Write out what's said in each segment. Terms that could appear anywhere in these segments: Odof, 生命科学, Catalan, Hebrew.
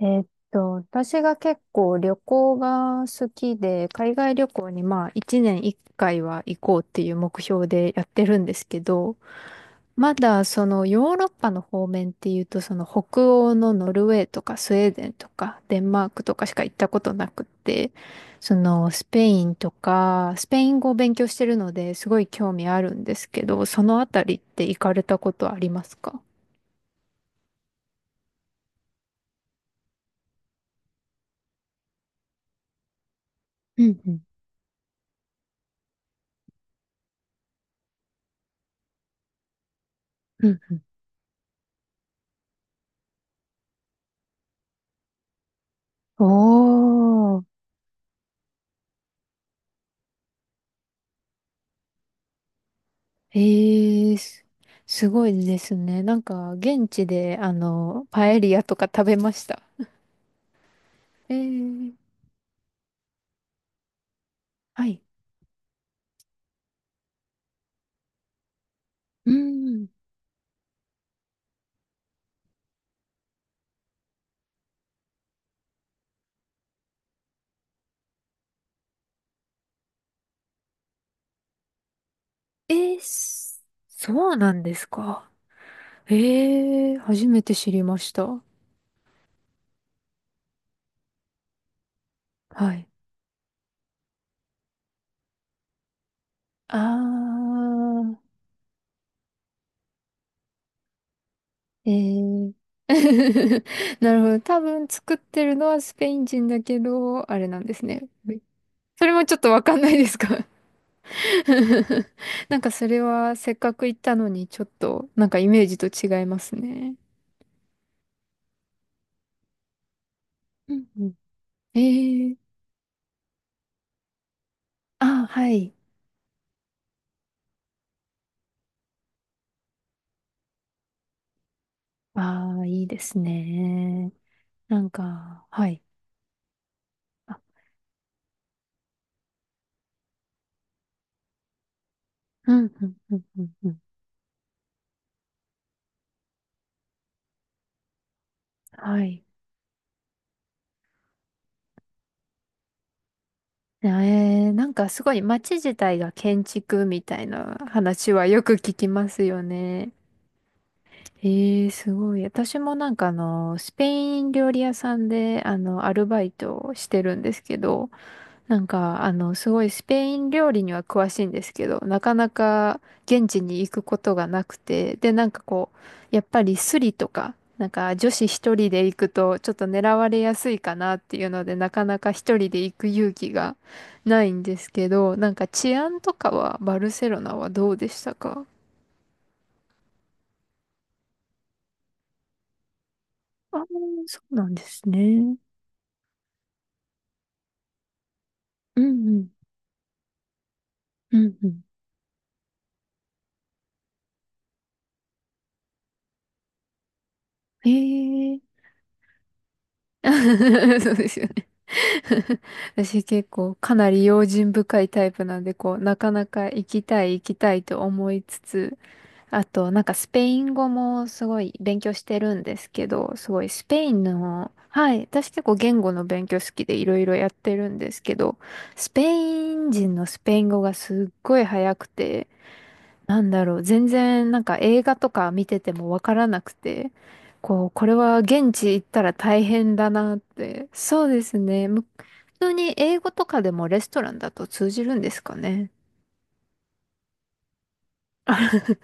えーっ私が結構旅行が好きで、海外旅行にまあ1年1回は行こうっていう目標でやってるんですけど、まだそのヨーロッパの方面っていうと、その北欧のノルウェーとかスウェーデンとかデンマークとかしか行ったことなくって、そのスペインとか、スペイン語を勉強してるのですごい興味あるんですけど、そのあたりって行かれたことありますか？うんうんうんうん。おー。ええす、すごいですね。なんか、現地で、パエリアとか食べました。ええ、はい。うん。ええす、そうなんですか？ええ、初めて知りました。はい。あー。ええ なるほど。多分作ってるのはスペイン人だけど、あれなんですね。それもちょっとわかんないですか？ なんかそれはせっかく行ったのにちょっとなんかイメージと違いますね。うんうん。ええ、あ、はい。ああ、いいですね。なんか、はい。あ、うん、うん、うん、うん、うん。はい。ええ、なんかすごい街自体が建築みたいな話はよく聞きますよね。ええ、すごい。私もなんかスペイン料理屋さんでアルバイトをしてるんですけど、なんか、すごいスペイン料理には詳しいんですけど、なかなか現地に行くことがなくて、で、なんかこう、やっぱりスリとか、なんか女子一人で行くとちょっと狙われやすいかなっていうので、なかなか一人で行く勇気がないんですけど、なんか治安とかはバルセロナはどうでしたか？ああー、そうなんですね。うんうん。うんうん。へえ そうですよね。私結構かなり用心深いタイプなんで、こう、なかなか行きたい行きたいと思いつつ、あとなんかスペイン語もすごい勉強してるんですけど、すごいスペインの、はい、私結構言語の勉強好きでいろいろやってるんですけど、スペイン人のスペイン語がすっごい早くて、なんだろう、全然なんか映画とか見ててもわからなくて、こう、これは現地行ったら大変だなって。そうですね。普通に英語とかでもレストランだと通じるんですかね？あ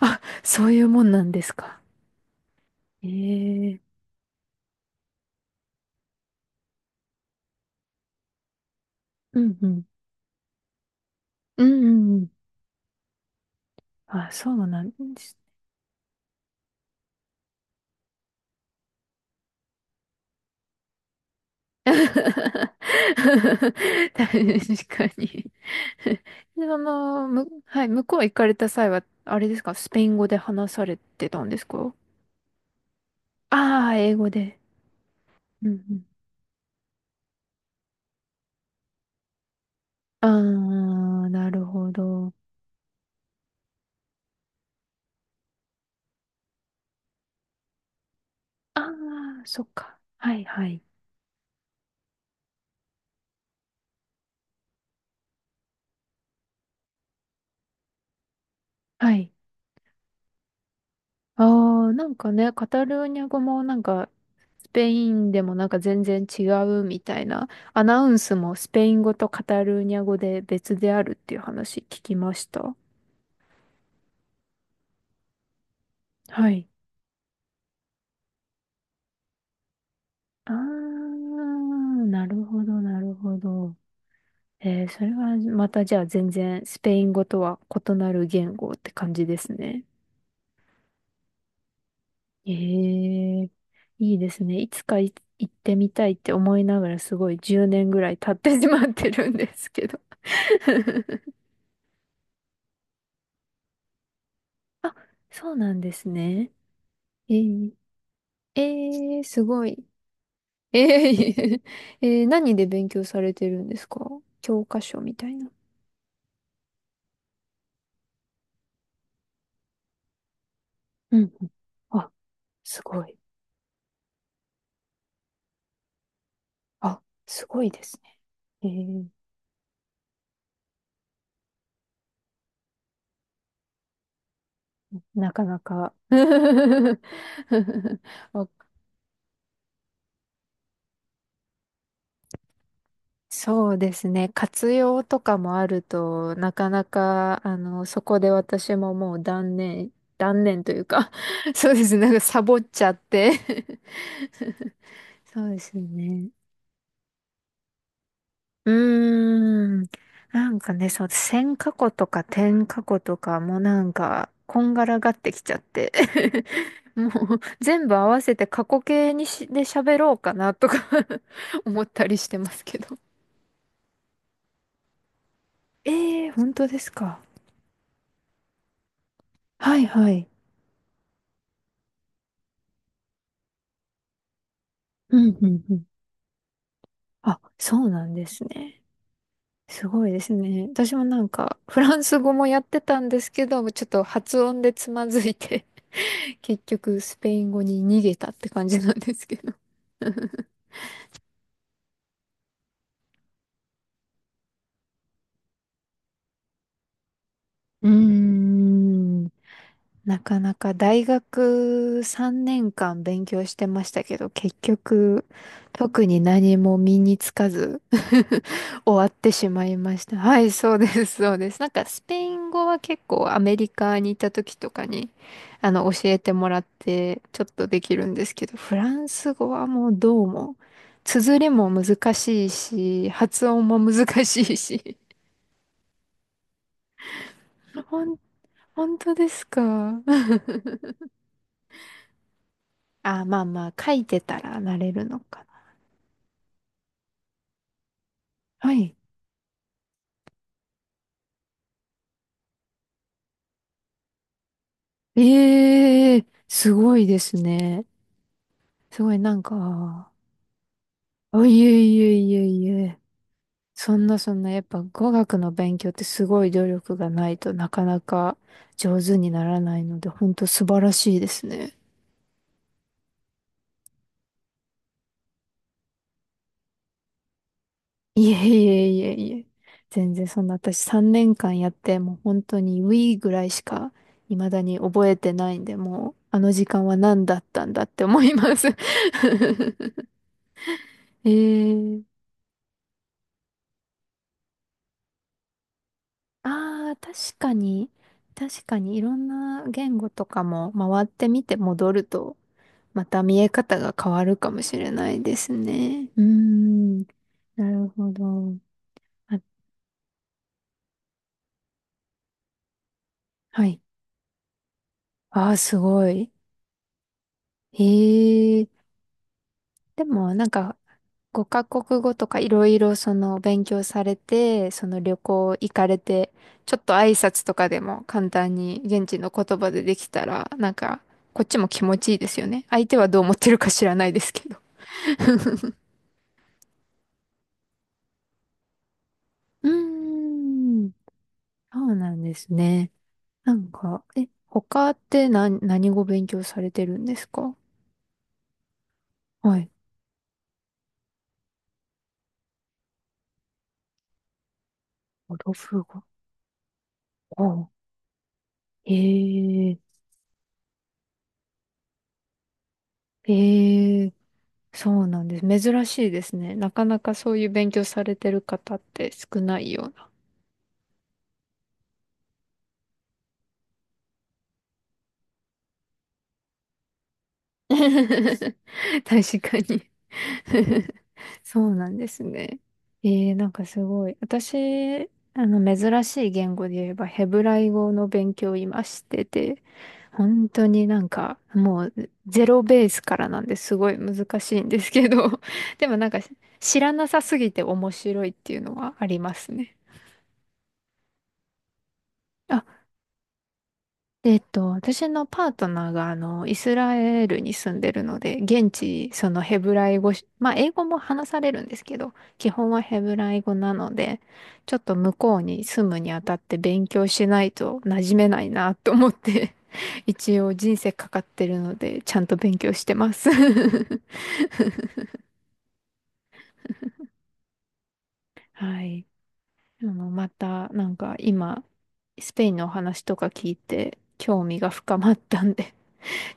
あ、そういうもんなんですか？ええ、うんうん。うんうんうん。あ、そうなんです。確かに。 ではい、向こう行かれた際は、あれですか、スペイン語で話されてたんですか？ああー、英語で。うんうん。ああ、なるほど。ああ、そっか。はいはい。はい。ああ、なんかね、カタルーニャ語もなんか、スペインでもなんか全然違うみたいな、アナウンスもスペイン語とカタルーニャ語で別であるっていう話聞きました。はい。あー、なるほど、なるほど。えー、それはまたじゃあ全然スペイン語とは異なる言語って感じですね。えー、いいですね。いつか行ってみたいって思いながらすごい10年ぐらい経ってしまってるんですけど。あ、そうなんですね。えー、えー、すごい。えー、何で勉強されてるんですか？教科書みたいな。うんうん。あ、すごい。あ、すごいですね。えー、なかなか わそうですね。活用とかもあると、なかなか、そこで私ももう断念、断念というか そうですね。なんかサボっちゃって そうですね。うーん。なんかね、そう、線過去とか点過去とかもなんか、こんがらがってきちゃって もう、全部合わせて過去形にし、で喋ろうかなとか 思ったりしてますけど。ええー、本当ですか？はいはい。うんうんうん。あ、そうなんですね。すごいですね。私もなんか、フランス語もやってたんですけど、ちょっと発音でつまずいて 結局、スペイン語に逃げたって感じなんですけど。うーん。なかなか大学3年間勉強してましたけど、結局、特に何も身につかず 終わってしまいました。はい、そうです、そうです。なんかスペイン語は結構アメリカにいた時とかに、教えてもらってちょっとできるんですけど、フランス語はもうどうも、綴りも難しいし、発音も難しいし。ほん、本当ですか？あ、まあまあ、書いてたらなれるのか。はい。ええ、すごいですね。すごいなんか、あ、いえいえいえいえ。そんなそんな、やっぱ語学の勉強ってすごい努力がないとなかなか上手にならないので、ほんと素晴らしいですね。いえいえいえいえ。全然そんな私3年間やって、もう本当に We ぐらいしか未だに覚えてないんで、もうあの時間は何だったんだって思います。ええ、ああ、確かに、確かにいろんな言語とかも回ってみて戻ると、また見え方が変わるかもしれないですね。うーん、なるほど。あ、はい。ああ、すごい。へえ。でも、なんか、5カ国語とかいろいろその勉強されて、その旅行行かれて、ちょっと挨拶とかでも簡単に現地の言葉でできたら、なんか、こっちも気持ちいいですよね。相手はどう思ってるか知らないですけど。うーん、そうなんですね。なんか、え、他って何語勉強されてるんですか？はい。オドフ語。おう。へえ、へえ、そうなんです。珍しいですね。なかなかそういう勉強されてる方って少ないような。確かに。そうなんですね。えー、なんかすごい。私、珍しい言語で言えば、ヘブライ語の勉強を今してて、本当になんか、もう、ゼロベースからなんですごい難しいんですけど、でもなんか、知らなさすぎて面白いっていうのはありますね。で、私のパートナーが、イスラエルに住んでるので、現地、そのヘブライ語し、まあ、英語も話されるんですけど、基本はヘブライ語なので、ちょっと向こうに住むにあたって勉強しないと馴染めないなと思って、一応人生かかってるので、ちゃんと勉強してます。はい。また、なんか今、スペインのお話とか聞いて、興味が深まったんで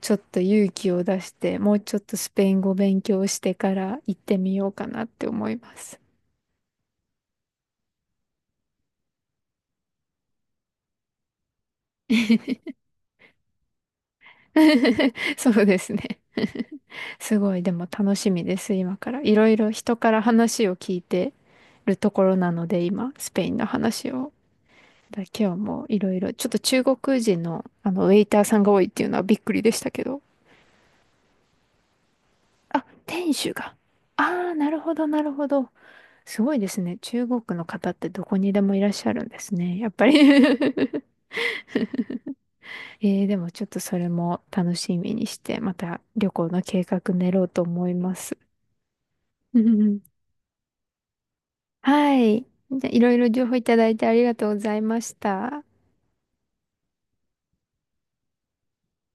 ちょっと勇気を出して、もうちょっとスペイン語勉強してから行ってみようかなって思います。そうですね。すごい、でも楽しみです、今から。いろいろ人から話を聞いてるところなので、今、スペインの話を。今日もいろいろ、ちょっと中国人の、ウェイターさんが多いっていうのはびっくりでしたけど。あ、店主が。ああ、なるほど、なるほど。すごいですね。中国の方ってどこにでもいらっしゃるんですね。やっぱり えー、でもちょっとそれも楽しみにして、また旅行の計画練ろうと思います。うんうん、はい。じゃあいろいろ情報いただいてありがとうございました。